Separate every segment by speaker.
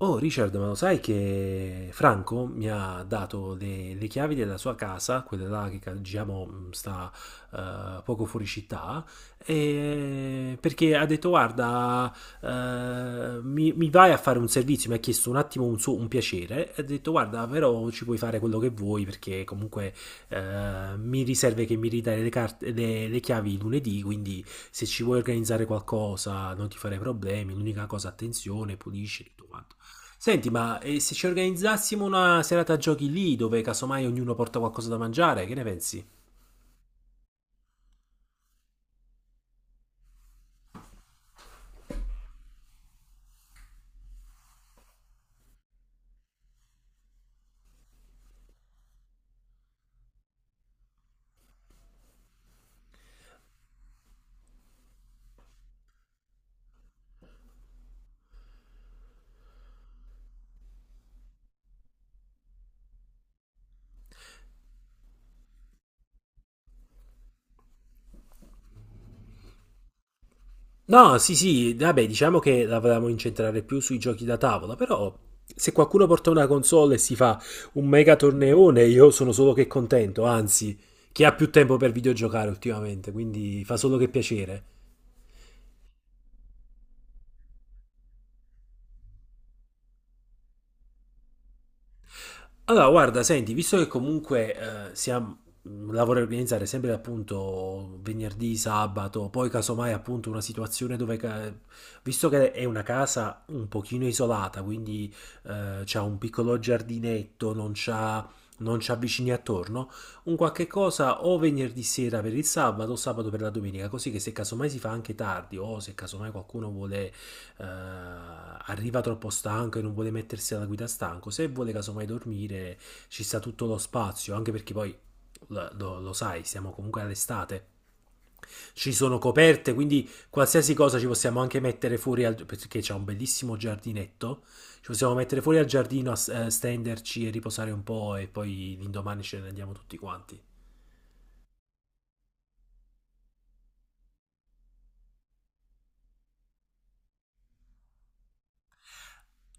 Speaker 1: Oh Richard, ma lo sai che Franco mi ha dato le chiavi della sua casa, quella là che diciamo sta poco fuori città, perché ha detto guarda, mi vai a fare un servizio, mi ha chiesto un attimo un piacere, e ha detto guarda, però ci puoi fare quello che vuoi perché comunque mi riserve che mi ridai le chiavi lunedì, quindi se ci vuoi organizzare qualcosa non ti farei problemi, l'unica cosa attenzione, pulisci e tutto quanto. Senti, ma se ci organizzassimo una serata a giochi lì, dove casomai ognuno porta qualcosa da mangiare, che ne pensi? No, sì, sì, vabbè, diciamo che la volevamo incentrare più sui giochi da tavola, però se qualcuno porta una console e si fa un mega torneone, io sono solo che contento, anzi, chi ha più tempo per videogiocare ultimamente, quindi fa solo che piacere. Allora, guarda, senti, visto che comunque la vorrei organizzare sempre appunto venerdì, sabato, poi casomai appunto una situazione dove, visto che è una casa un pochino isolata, quindi c'ha un piccolo giardinetto, non c'ha vicini attorno, un qualche cosa o venerdì sera per il sabato o sabato per la domenica, così che se casomai si fa anche tardi o se casomai qualcuno vuole arriva troppo stanco e non vuole mettersi alla guida stanco, se vuole casomai dormire ci sta tutto lo spazio, anche perché poi lo sai, siamo comunque all'estate. Ci sono coperte, quindi qualsiasi cosa ci possiamo anche mettere fuori al, perché c'è un bellissimo giardinetto. Ci possiamo mettere fuori al giardino, stenderci e riposare un po' e poi l'indomani ce ne andiamo tutti quanti.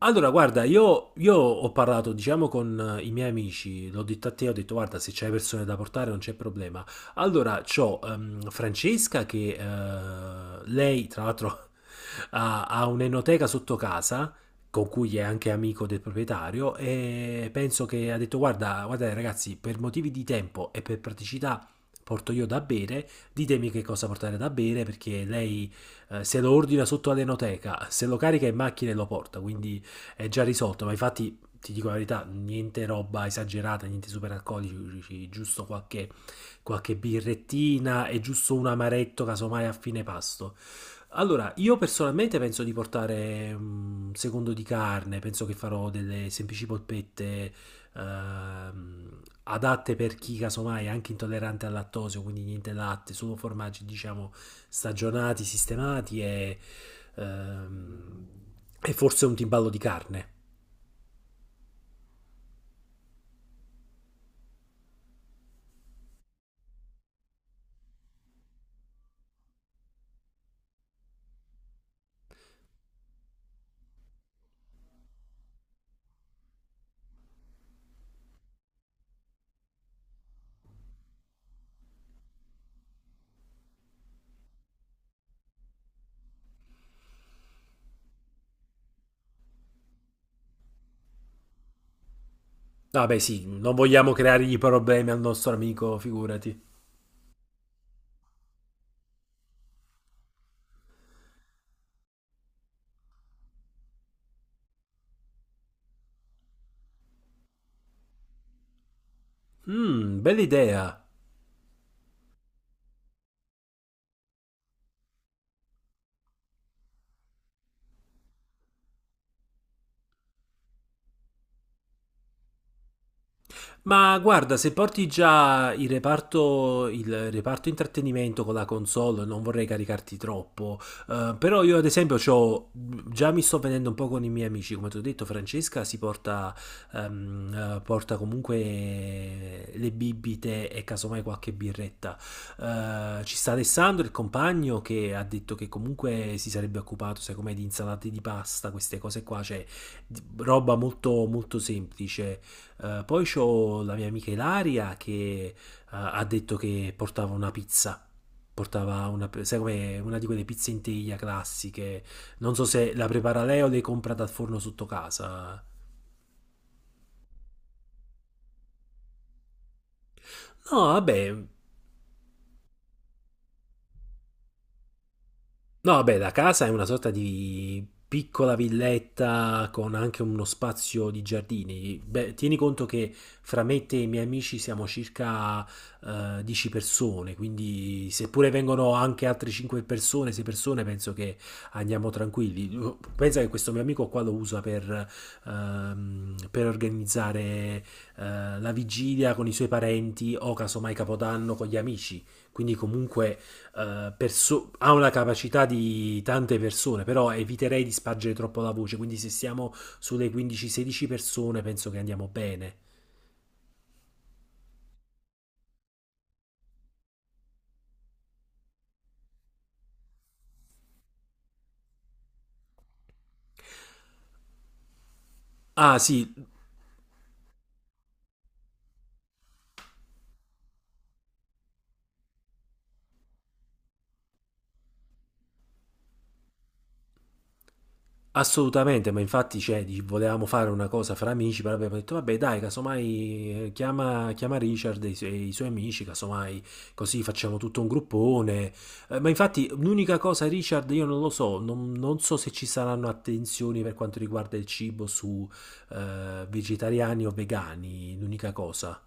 Speaker 1: Allora, guarda, io ho parlato, diciamo, con i miei amici, l'ho detto a te, ho detto, guarda, se c'hai persone da portare non c'è problema. Allora, c'ho Francesca che lei, tra l'altro, ha un'enoteca sotto casa, con cui è anche amico del proprietario, e penso che ha detto, guarda, guardate ragazzi, per motivi di tempo e per praticità porto io da bere, ditemi che cosa portare da bere, perché lei se lo ordina sotto all'enoteca, se lo carica in macchina e lo porta, quindi è già risolto, ma infatti ti dico la verità, niente roba esagerata, niente super alcolici, giusto qualche birrettina e giusto un amaretto casomai a fine pasto. Allora, io personalmente penso di portare un secondo di carne, penso che farò delle semplici polpette adatte per chi casomai è anche intollerante al lattosio, quindi niente latte, solo formaggi diciamo stagionati, sistemati ehm, e forse un timballo di carne. Vabbè, sì, non vogliamo creargli problemi al nostro amico, figurati. Mmm, bella idea. Ma guarda, se porti già il reparto intrattenimento con la console, non vorrei caricarti troppo. Però io, ad esempio, già mi sto vedendo un po' con i miei amici. Come ti ho detto, Francesca si porta, porta comunque le bibite e casomai qualche birretta. Ci sta Alessandro, il compagno, che ha detto che comunque si sarebbe occupato, sai com'è, di insalate di pasta, queste cose qua, cioè roba molto semplice. Poi c'ho la mia amica Ilaria che ha detto che portava una pizza. Portava una, sai come una di quelle pizze in teglia classiche. Non so se la prepara lei o le compra dal forno sotto casa. No, vabbè. No, beh, la casa è una sorta di piccola villetta con anche uno spazio di giardini. Beh, tieni conto che fra me e te e i miei amici siamo circa 10 persone, quindi seppure vengono anche altre 5 persone, 6 persone, penso che andiamo tranquilli. Pensa che questo mio amico qua lo usa per organizzare la vigilia con i suoi parenti o casomai Capodanno con gli amici. Quindi comunque ha una capacità di tante persone, però eviterei di spargere troppo la voce, quindi se siamo sulle 15-16 persone penso che andiamo bene. Ah sì. Assolutamente, ma infatti cioè, volevamo fare una cosa fra amici, però abbiamo detto vabbè dai, casomai chiama Richard e i suoi amici, casomai così facciamo tutto un gruppone. Ma infatti l'unica cosa Richard, io non lo so, non so se ci saranno attenzioni per quanto riguarda il cibo su vegetariani o vegani, l'unica cosa.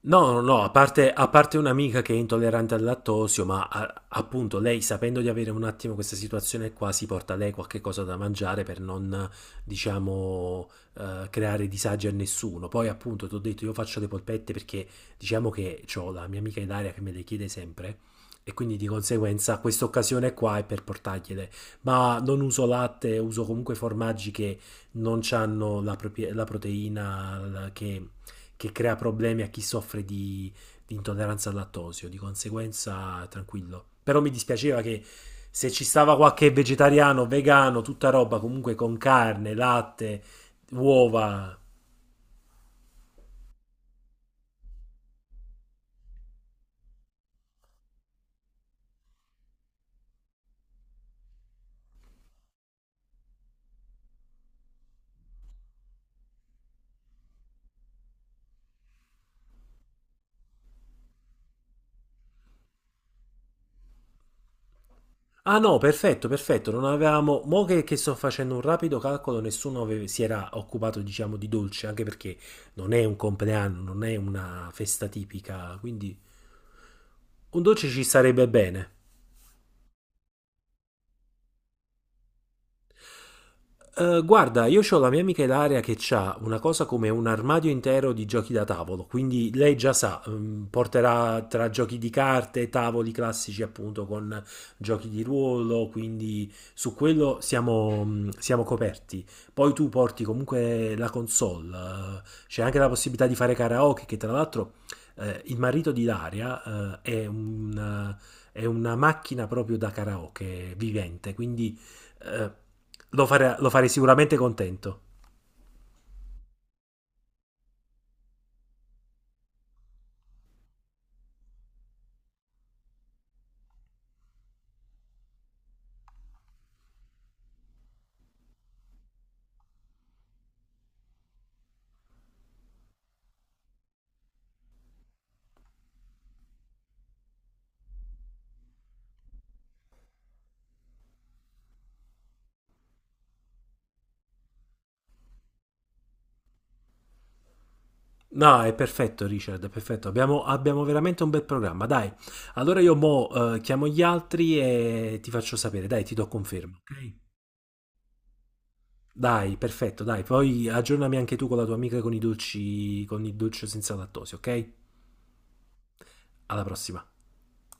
Speaker 1: No, no, no, a parte un'amica che è intollerante al lattosio, ma appunto lei sapendo di avere un attimo questa situazione qua si porta lei qualche cosa da mangiare per non, diciamo, creare disagi a nessuno. Poi appunto ti ho detto io faccio le polpette perché diciamo che ho la mia amica Ilaria che me le chiede sempre e quindi di conseguenza questa occasione qua è per portargliele. Ma non uso latte, uso comunque formaggi che non hanno la proteina che crea problemi a chi soffre di intolleranza al lattosio, di conseguenza tranquillo. Però mi dispiaceva che se ci stava qualche vegetariano, vegano, tutta roba comunque con carne, latte, uova. Ah no, perfetto, perfetto, non avevamo... Mo che sto facendo un rapido calcolo, nessuno aveva- si era occupato, diciamo, di dolce, anche perché non è un compleanno, non è una festa tipica, quindi un dolce ci sarebbe bene. Guarda, io ho la mia amica Ilaria che ha una cosa come un armadio intero di giochi da tavolo, quindi lei già sa, mm, porterà tra giochi di carte, tavoli classici appunto con giochi di ruolo, quindi su quello siamo, mm, siamo coperti. Poi tu porti comunque la console, c'è anche la possibilità di fare karaoke, che tra l'altro il marito di Ilaria è una macchina proprio da karaoke vivente, quindi... eh, lo farei sicuramente contento. No, è perfetto Richard, è perfetto. Abbiamo veramente un bel programma. Dai, allora io mo chiamo gli altri e ti faccio sapere. Dai, ti do conferma, ok? Dai, perfetto, dai. Poi aggiornami anche tu con la tua amica con i dolci, con il dolce senza lattosio, ok? Alla prossima.